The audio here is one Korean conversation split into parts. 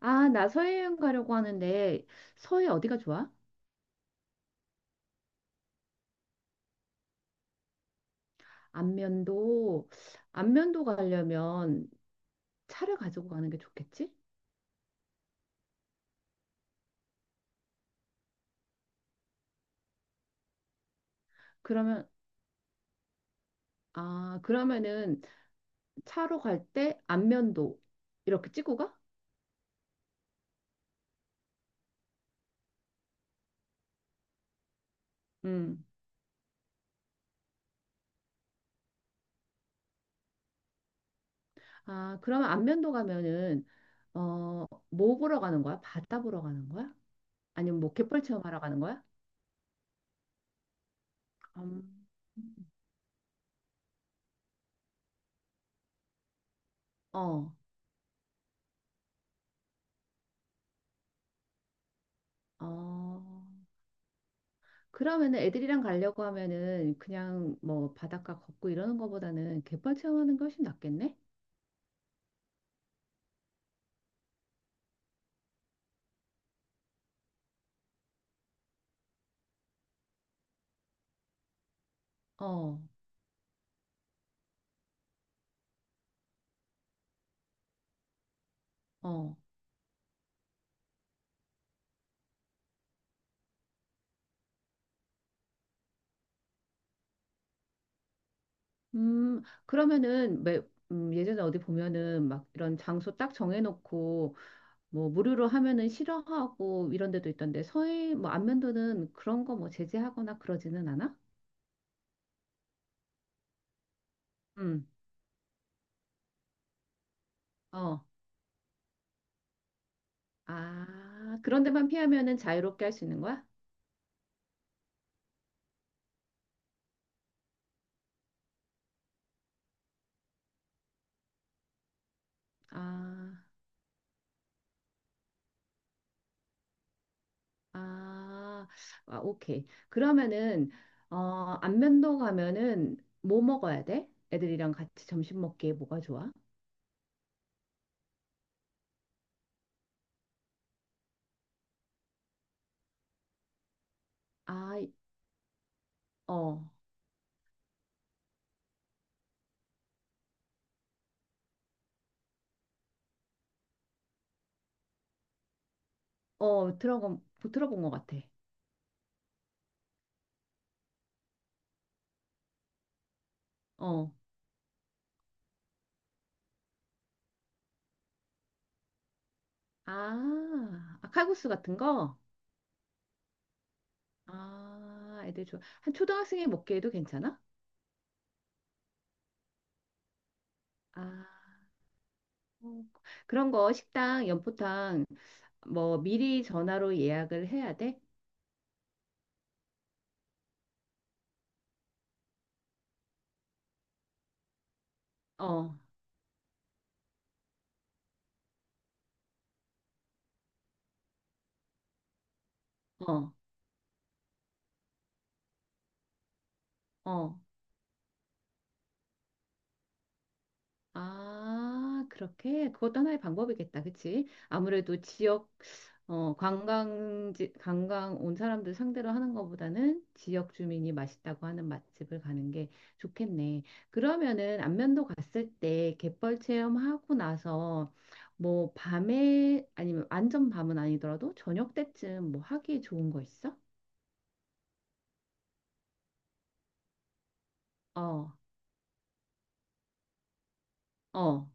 아, 나 서해여행 가려고 하는데 서해 어디가 좋아? 안면도. 안면도 가려면 차를 가지고 가는 게 좋겠지? 그러면 그러면은 차로 갈 때 안면도 이렇게 찍고 가? 음. 아, 그러면 안면도 가면은 뭐 보러 가는 거야? 바다 보러 가는 거야? 아니면 뭐 갯벌 체험하러 가는 거야? 음. 어. 어. 그러면은 애들이랑 가려고 하면은 그냥 뭐 바닷가 걷고 이러는 거보다는 갯벌 체험하는 게 훨씬 낫겠네? 어, 어. 음, 그러면은 매, 예전에 어디 보면은 막 이런 장소 딱 정해놓고 뭐 무료로 하면은 싫어하고 이런 데도 있던데 서해 뭐 안면도는 그런 거 뭐 제재하거나 그러지는 않아? 음, 어. 아, 그런 데만 피하면은 자유롭게 할 수 있는 거야? 아. 아, 아, 오케이. 그러면은 어, 안면도 가면은 뭐 먹어야 돼? 애들이랑 같이 점심 먹기에 뭐가 좋아? 아, 어, 어, 들어본, 들어본 것 같아. 어, 아, 아, 칼국수 같은 거? 아, 애들 좋아. 한 초등학생이 먹기에도 괜찮아? 아, 어. 그런 거 식당, 연포탕 뭐 미리 전화로 예약을 해야 돼? 어, 어, 어, 아, 그렇게 그것도 하나의 방법이겠다. 그치? 아무래도 지역 어, 관광지 관광 온 사람들 상대로 하는 것보다는 지역 주민이 맛있다고 하는 맛집을 가는 게 좋겠네. 그러면은 안면도 갔을 때 갯벌 체험하고 나서 뭐 밤에 아니면 완전 밤은 아니더라도 저녁 때쯤 뭐 하기 좋은 거 있어? 어, 어,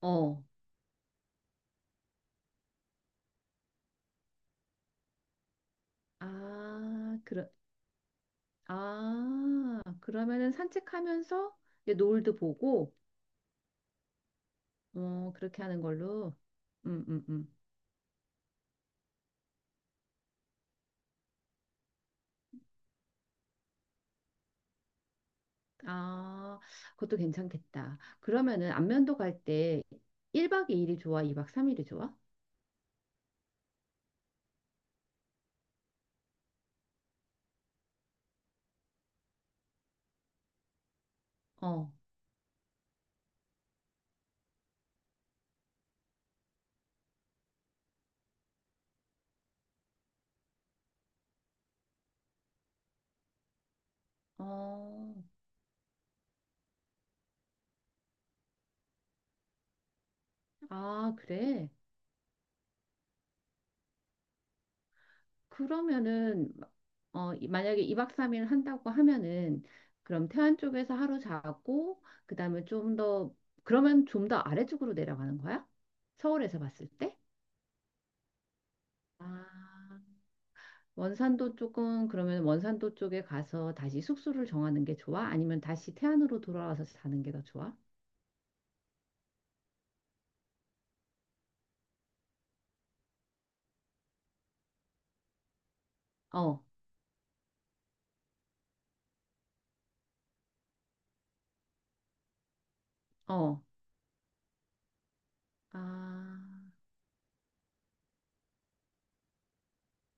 어. 아, 그러, 아, 그러면은 산책하면서 이제 노을도 보고, 어, 그렇게 하는 걸로. 음, 음, 음. 아, 그것도 괜찮겠다. 그러면은 안면도 갈 때 1박 2일이 좋아? 2박 3일이 좋아? 어, 어, 아, 그래. 그러면은, 만약에 2박 3일 한다고 하면은, 그럼 태안 쪽에서 하루 자고, 그 다음에 좀 더, 그러면 좀 더 아래쪽으로 내려가는 거야? 서울에서 봤을 때? 아. 원산도 쪽은 그러면 원산도 쪽에 가서 다시 숙소를 정하는 게 좋아? 아니면 다시 태안으로 돌아와서 사는 게 더 좋아? 어, 어, 아,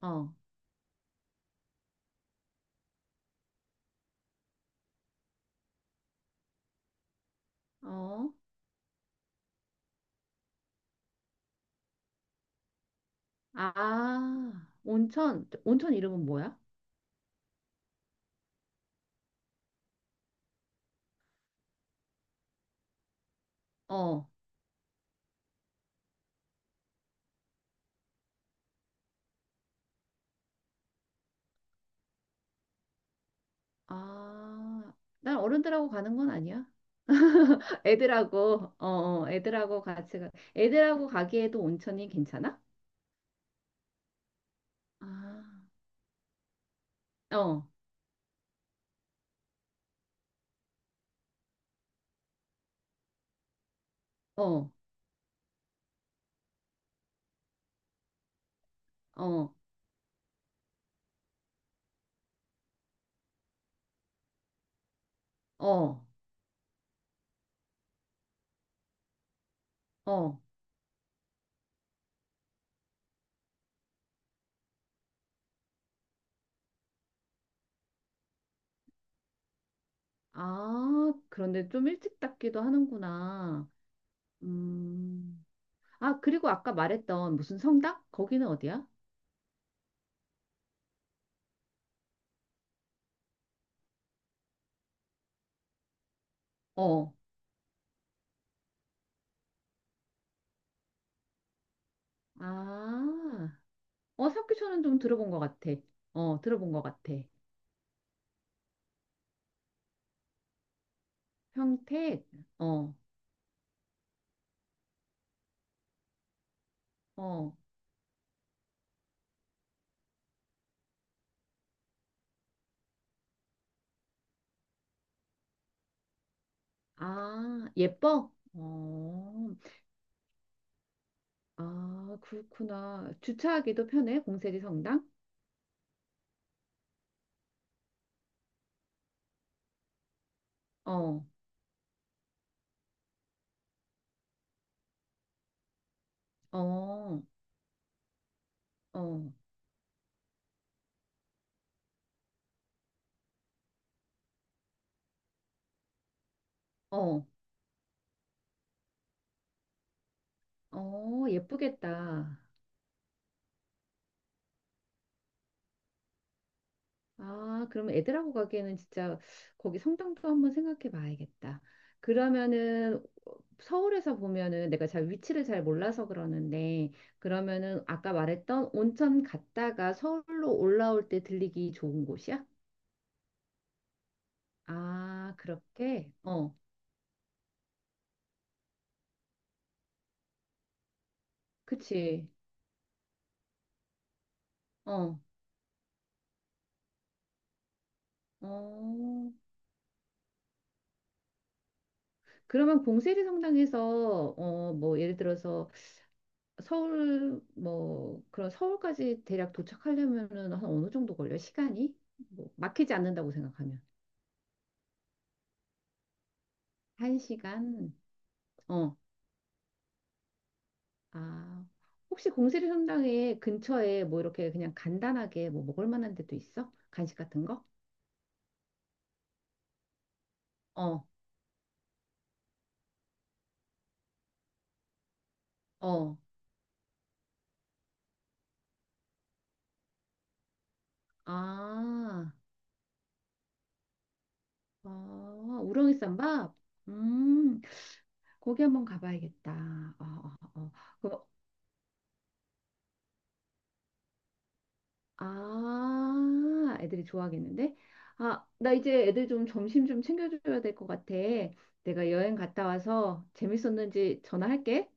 어, 어, 아, 온천, 온천 이름은 뭐야? 어, 아, 난 어른들하고 가는 건 아니야. 애들하고 같이 가. 애들하고 가기에도 온천이 괜찮아? 아, 어, 어, 어, 어, 어, 아, 그런데 좀 일찍 닫기도 하는구나. 음. 아, 그리고 아까 말했던 무슨 성당? 거기는 어디야? 어. 아. 어, 삽교촌은좀 들어본 것 같아. 어, 들어본 것 같아. 평택. 어, 어. 아, 예뻐? 어. 아, 그렇구나. 주차하기도 편해, 공세리 성당? 어, 어, 어, 어, 어, 예쁘겠다. 아, 그럼 애들하고 가기에는 진짜 거기 성당도 한번 생각해 봐야겠다. 그러면은 서울에서 보면은 내가 잘 위치를 잘 몰라서 그러는데 그러면은 아까 말했던 온천 갔다가 서울로 올라올 때 들리기 좋은 곳이야? 아, 그렇게? 어, 그치. 어, 어. 그러면 봉세리 성당에서 어, 뭐 예를 들어서 서울 뭐 그런 서울까지 대략 도착하려면은 한 어느 정도 걸려요? 시간이? 뭐 막히지 않는다고 생각하면 한 시간? 어. 아, 혹시 공세리 성당에 근처에 뭐 이렇게 그냥 간단하게 뭐 먹을 만한 데도 있어? 간식 같은 거? 어, 어. 아, 아, 우렁이 쌈밥? 음, 거기 한번 가봐야겠다. 어, 어, 어. 아, 애들이 좋아하겠는데? 아, 나 이제 애들 좀 점심 좀 챙겨줘야 될 것 같아. 내가 여행 갔다 와서 재밌었는지 전화할게.